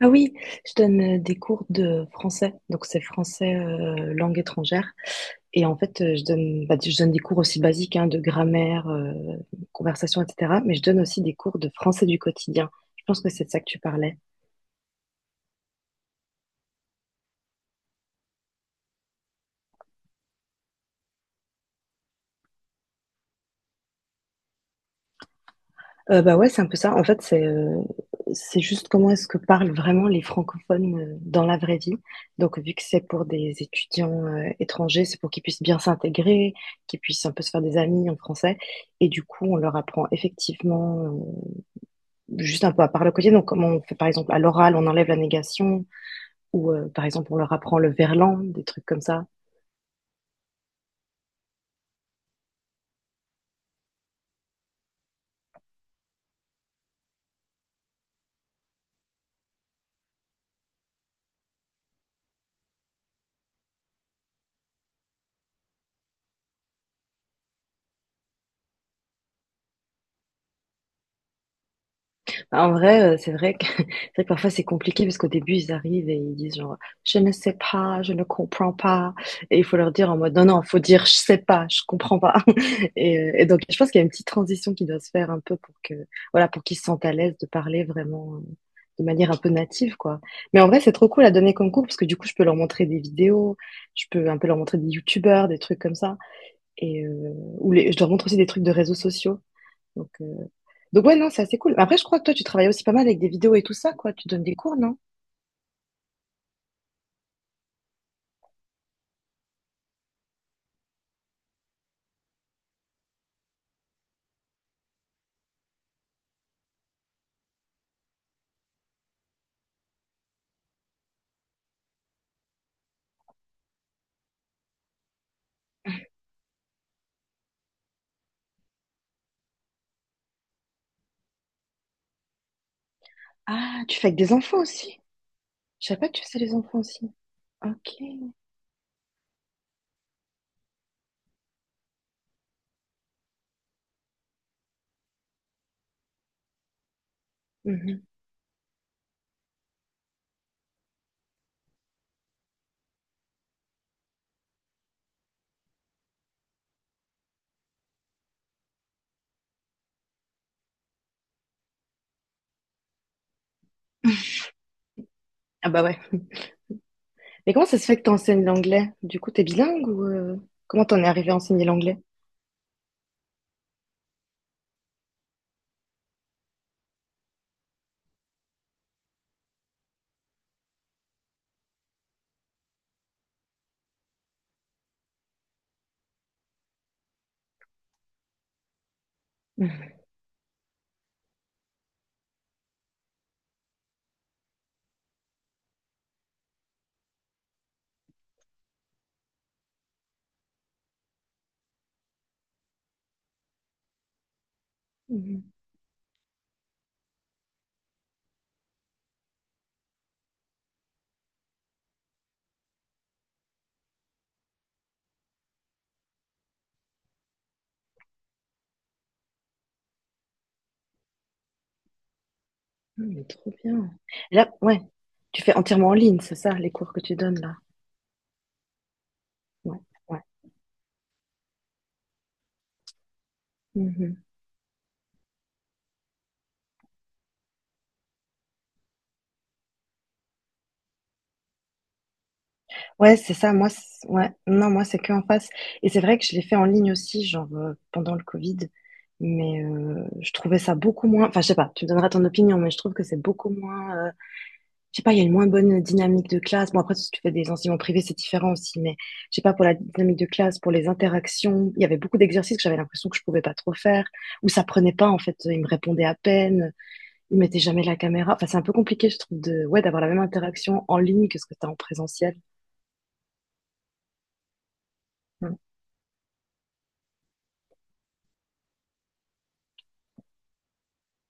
Ah oui, je donne des cours de français, donc c'est français langue étrangère. Et en fait, je donne, bah, je donne des cours aussi basiques hein, de grammaire, conversation, etc. Mais je donne aussi des cours de français du quotidien. Je pense que c'est de ça que tu parlais. Bah ouais, c'est un peu ça. En fait, c'est juste comment est-ce que parlent vraiment les francophones dans la vraie vie. Donc vu que c'est pour des étudiants étrangers, c'est pour qu'ils puissent bien s'intégrer, qu'ils puissent un peu se faire des amis en français. Et du coup, on leur apprend effectivement, juste un peu à part le quotidien. Donc, comment on fait, par exemple, à l'oral, on enlève la négation, ou par exemple, on leur apprend le verlan, des trucs comme ça. Bah, en vrai, c'est vrai que c'est vrai que parfois c'est compliqué parce qu'au début ils arrivent et ils disent genre: «Je ne sais pas, je ne comprends pas» et il faut leur dire en mode: «Non, non, faut dire je sais pas, je comprends pas» et donc je pense qu'il y a une petite transition qui doit se faire un peu pour que voilà, pour qu'ils se sentent à l'aise de parler vraiment, de manière un peu native quoi. Mais en vrai, c'est trop cool à donner comme cours parce que du coup je peux leur montrer des vidéos, je peux un peu leur montrer des youtubeurs, des trucs comme ça et ou les je leur montre aussi des trucs de réseaux sociaux donc heu donc ouais, non, c'est assez cool. Après, je crois que toi, tu travailles aussi pas mal avec des vidéos et tout ça, quoi. Tu donnes des cours, non? Ah, tu fais avec des enfants aussi. Je savais pas que tu faisais les enfants aussi. Ok. Mhm. Ah bah ouais. Mais comment ça se fait que t'enseignes l'anglais? Du coup, t'es bilingue ou comment t'en es arrivé à enseigner l'anglais? Mhm. Mhm. Mhm, mais trop bien. Et là, ouais. Tu fais entièrement en ligne, c'est ça, les cours que tu donnes là. Ouais, ouais. Ouais, c'est ça, moi, ouais, non, moi, c'est que en face. Et c'est vrai que je l'ai fait en ligne aussi, genre pendant le Covid, mais je trouvais ça beaucoup moins. Enfin, je sais pas, tu me donneras ton opinion, mais je trouve que c'est beaucoup moins, je sais pas, il y a une moins bonne dynamique de classe. Bon, après, si tu fais des enseignements privés, c'est différent aussi, mais je sais pas, pour la dynamique de classe, pour les interactions, il y avait beaucoup d'exercices que j'avais l'impression que je pouvais pas trop faire, ou ça prenait pas, en fait, ils me répondaient à peine, ils mettaient jamais la caméra. Enfin, c'est un peu compliqué, je trouve, de, ouais, d'avoir la même interaction en ligne que ce que tu as en présentiel.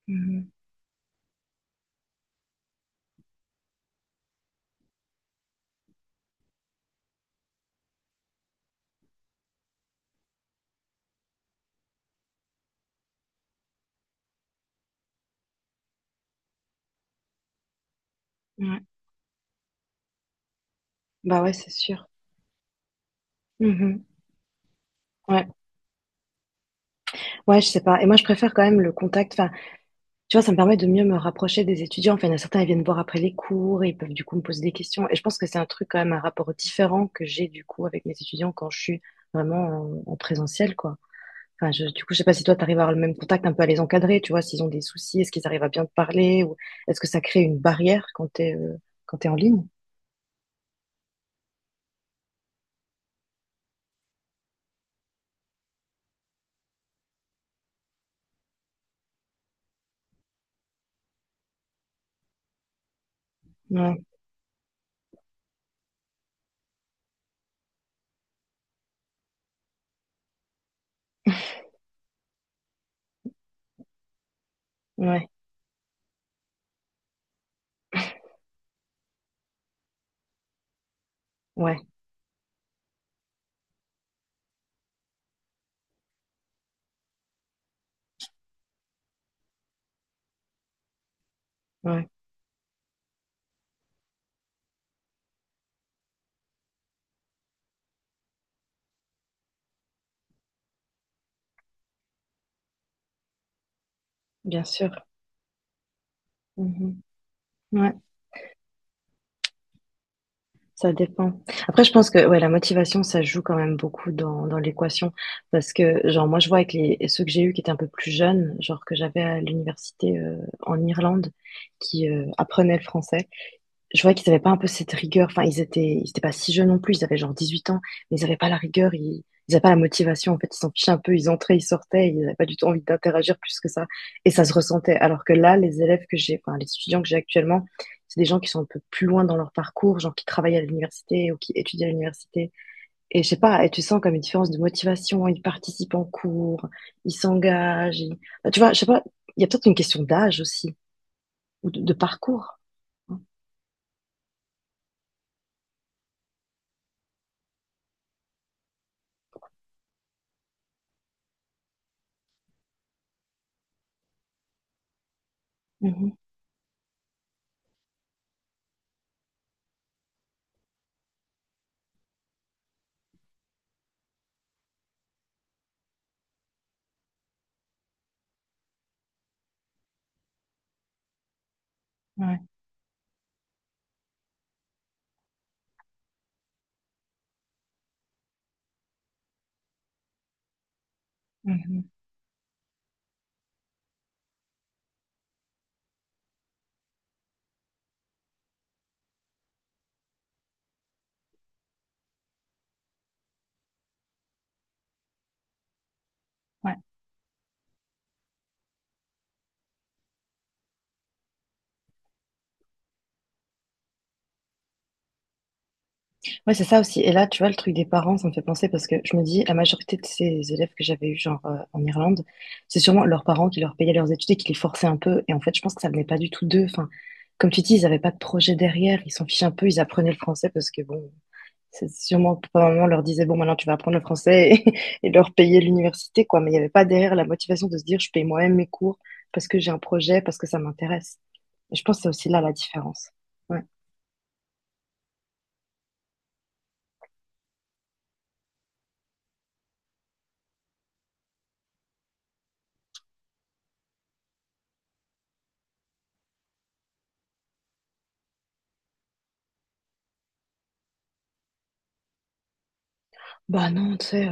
Mhm. Ouais. Bah, ouais, c'est sûr. Mmh. Ouais. Ouais, je sais pas et moi je préfère quand même le contact, enfin, tu vois, ça me permet de mieux me rapprocher des étudiants. Enfin, il y en a certains, ils viennent voir après les cours et ils peuvent du coup me poser des questions et je pense que c'est un truc quand même, un rapport différent que j'ai du coup avec mes étudiants quand je suis vraiment en présentiel, quoi. Enfin, je du coup, je sais pas si toi tu arrives à avoir le même contact, un peu à les encadrer, tu vois? S'ils ont des soucis, est-ce qu'ils arrivent à bien te parler ou est-ce que ça crée une barrière quand quand t'es en ligne? Ouais, ouais, ouais, ouais, bien sûr. Mmh. Ouais. Ça dépend. Après, je pense que ouais, la motivation, ça joue quand même beaucoup dans l'équation. Parce que, genre, moi, je vois avec les, ceux que j'ai eus qui étaient un peu plus jeunes, genre que j'avais à l'université en Irlande, qui apprenaient le français, je voyais qu'ils avaient pas un peu cette rigueur. Enfin, ils étaient pas si jeunes non plus. Ils avaient genre 18 ans, mais ils avaient pas la rigueur. Ils n'avaient pas la motivation. En fait, ils s'en fichaient un peu. Ils entraient, ils sortaient. Ils n'avaient pas du tout envie d'interagir plus que ça. Et ça se ressentait. Alors que là, les élèves que j'ai, enfin, les étudiants que j'ai actuellement, c'est des gens qui sont un peu plus loin dans leur parcours, genre qui travaillent à l'université ou qui étudient à l'université. Et je sais pas, et tu sens comme une différence de motivation. Ils participent en cours, ils s'engagent. Bah, tu vois, je sais pas, il y a peut-être une question d'âge aussi ou de parcours. Mhm. Ouais. Ouais, ouais. Ouais. Ouais, c'est ça aussi et là, tu vois, le truc des parents, ça me fait penser parce que je me dis la majorité de ces élèves que j'avais eus, genre, en Irlande, c'est sûrement leurs parents qui leur payaient leurs études et qui les forçaient un peu et en fait, je pense que ça venait pas du tout d'eux. Enfin, comme tu dis, ils avaient pas de projet derrière, ils s'en fichaient un peu, ils apprenaient le français parce que bon, c'est sûrement papa, maman leur disait: «Bon, maintenant tu vas apprendre le français» et et leur payer l'université, quoi, mais il y avait pas derrière la motivation de se dire: «Je paye moi-même mes cours parce que j'ai un projet, parce que ça m'intéresse» et je pense que c'est aussi là la différence. Ouais. Bah non, tu sais,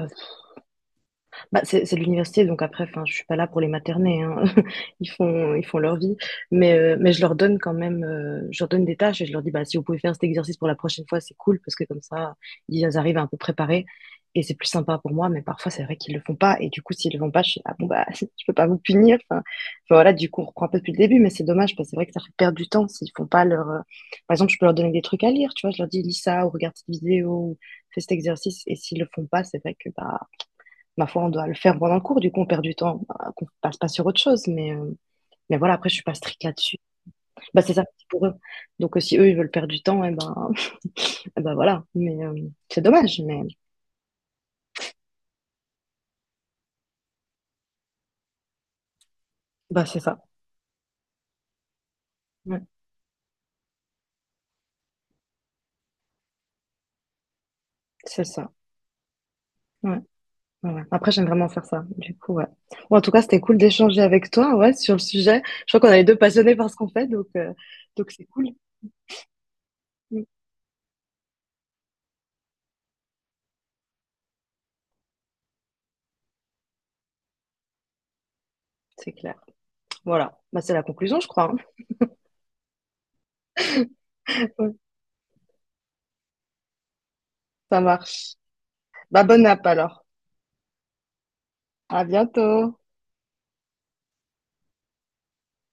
bah, c'est de l'université, donc après, enfin, je suis pas là pour les materner, hein. ils font, leur vie. Mais, je leur donne quand même, je leur donne des tâches et je leur dis, bah, si vous pouvez faire cet exercice pour la prochaine fois, c'est cool, parce que comme ça, ils arrivent un peu préparés et c'est plus sympa pour moi. Mais parfois, c'est vrai qu'ils le font pas. Et du coup, s'ils le font pas, je suis, ah bon, bah, je peux pas vous punir. Enfin, voilà, du coup, on reprend un peu depuis le début, mais c'est dommage, parce que c'est vrai que ça fait perdre du temps s'ils font pas leur, par exemple, je peux leur donner des trucs à lire, tu vois, je leur dis, lis ça, ou regarde cette vidéo, ou fais cet exercice. Et s'ils le font pas, c'est vrai que, bah, ma foi, on doit le faire pendant le cours, du coup, on perd du temps, qu'on passe pas sur autre chose. Mais, voilà, après, je suis pas stricte là-dessus. Bah, c'est ça pour eux. Donc, si eux, ils veulent perdre du temps, eh ben, eh ben voilà. Mais c'est dommage, mais bah, c'est ça. Ouais, c'est ça. Ouais, ouais, ouais. Après, j'aime vraiment faire ça. Du coup, ouais. Bon, en tout cas, c'était cool d'échanger avec toi, ouais, sur le sujet. Je crois qu'on est les deux passionnés par ce qu'on fait, donc c'est cool. Mm. C'est clair. Voilà. Bah, c'est la conclusion, je crois, hein. Ouais, ça marche. Bah, bonne app alors. À bientôt.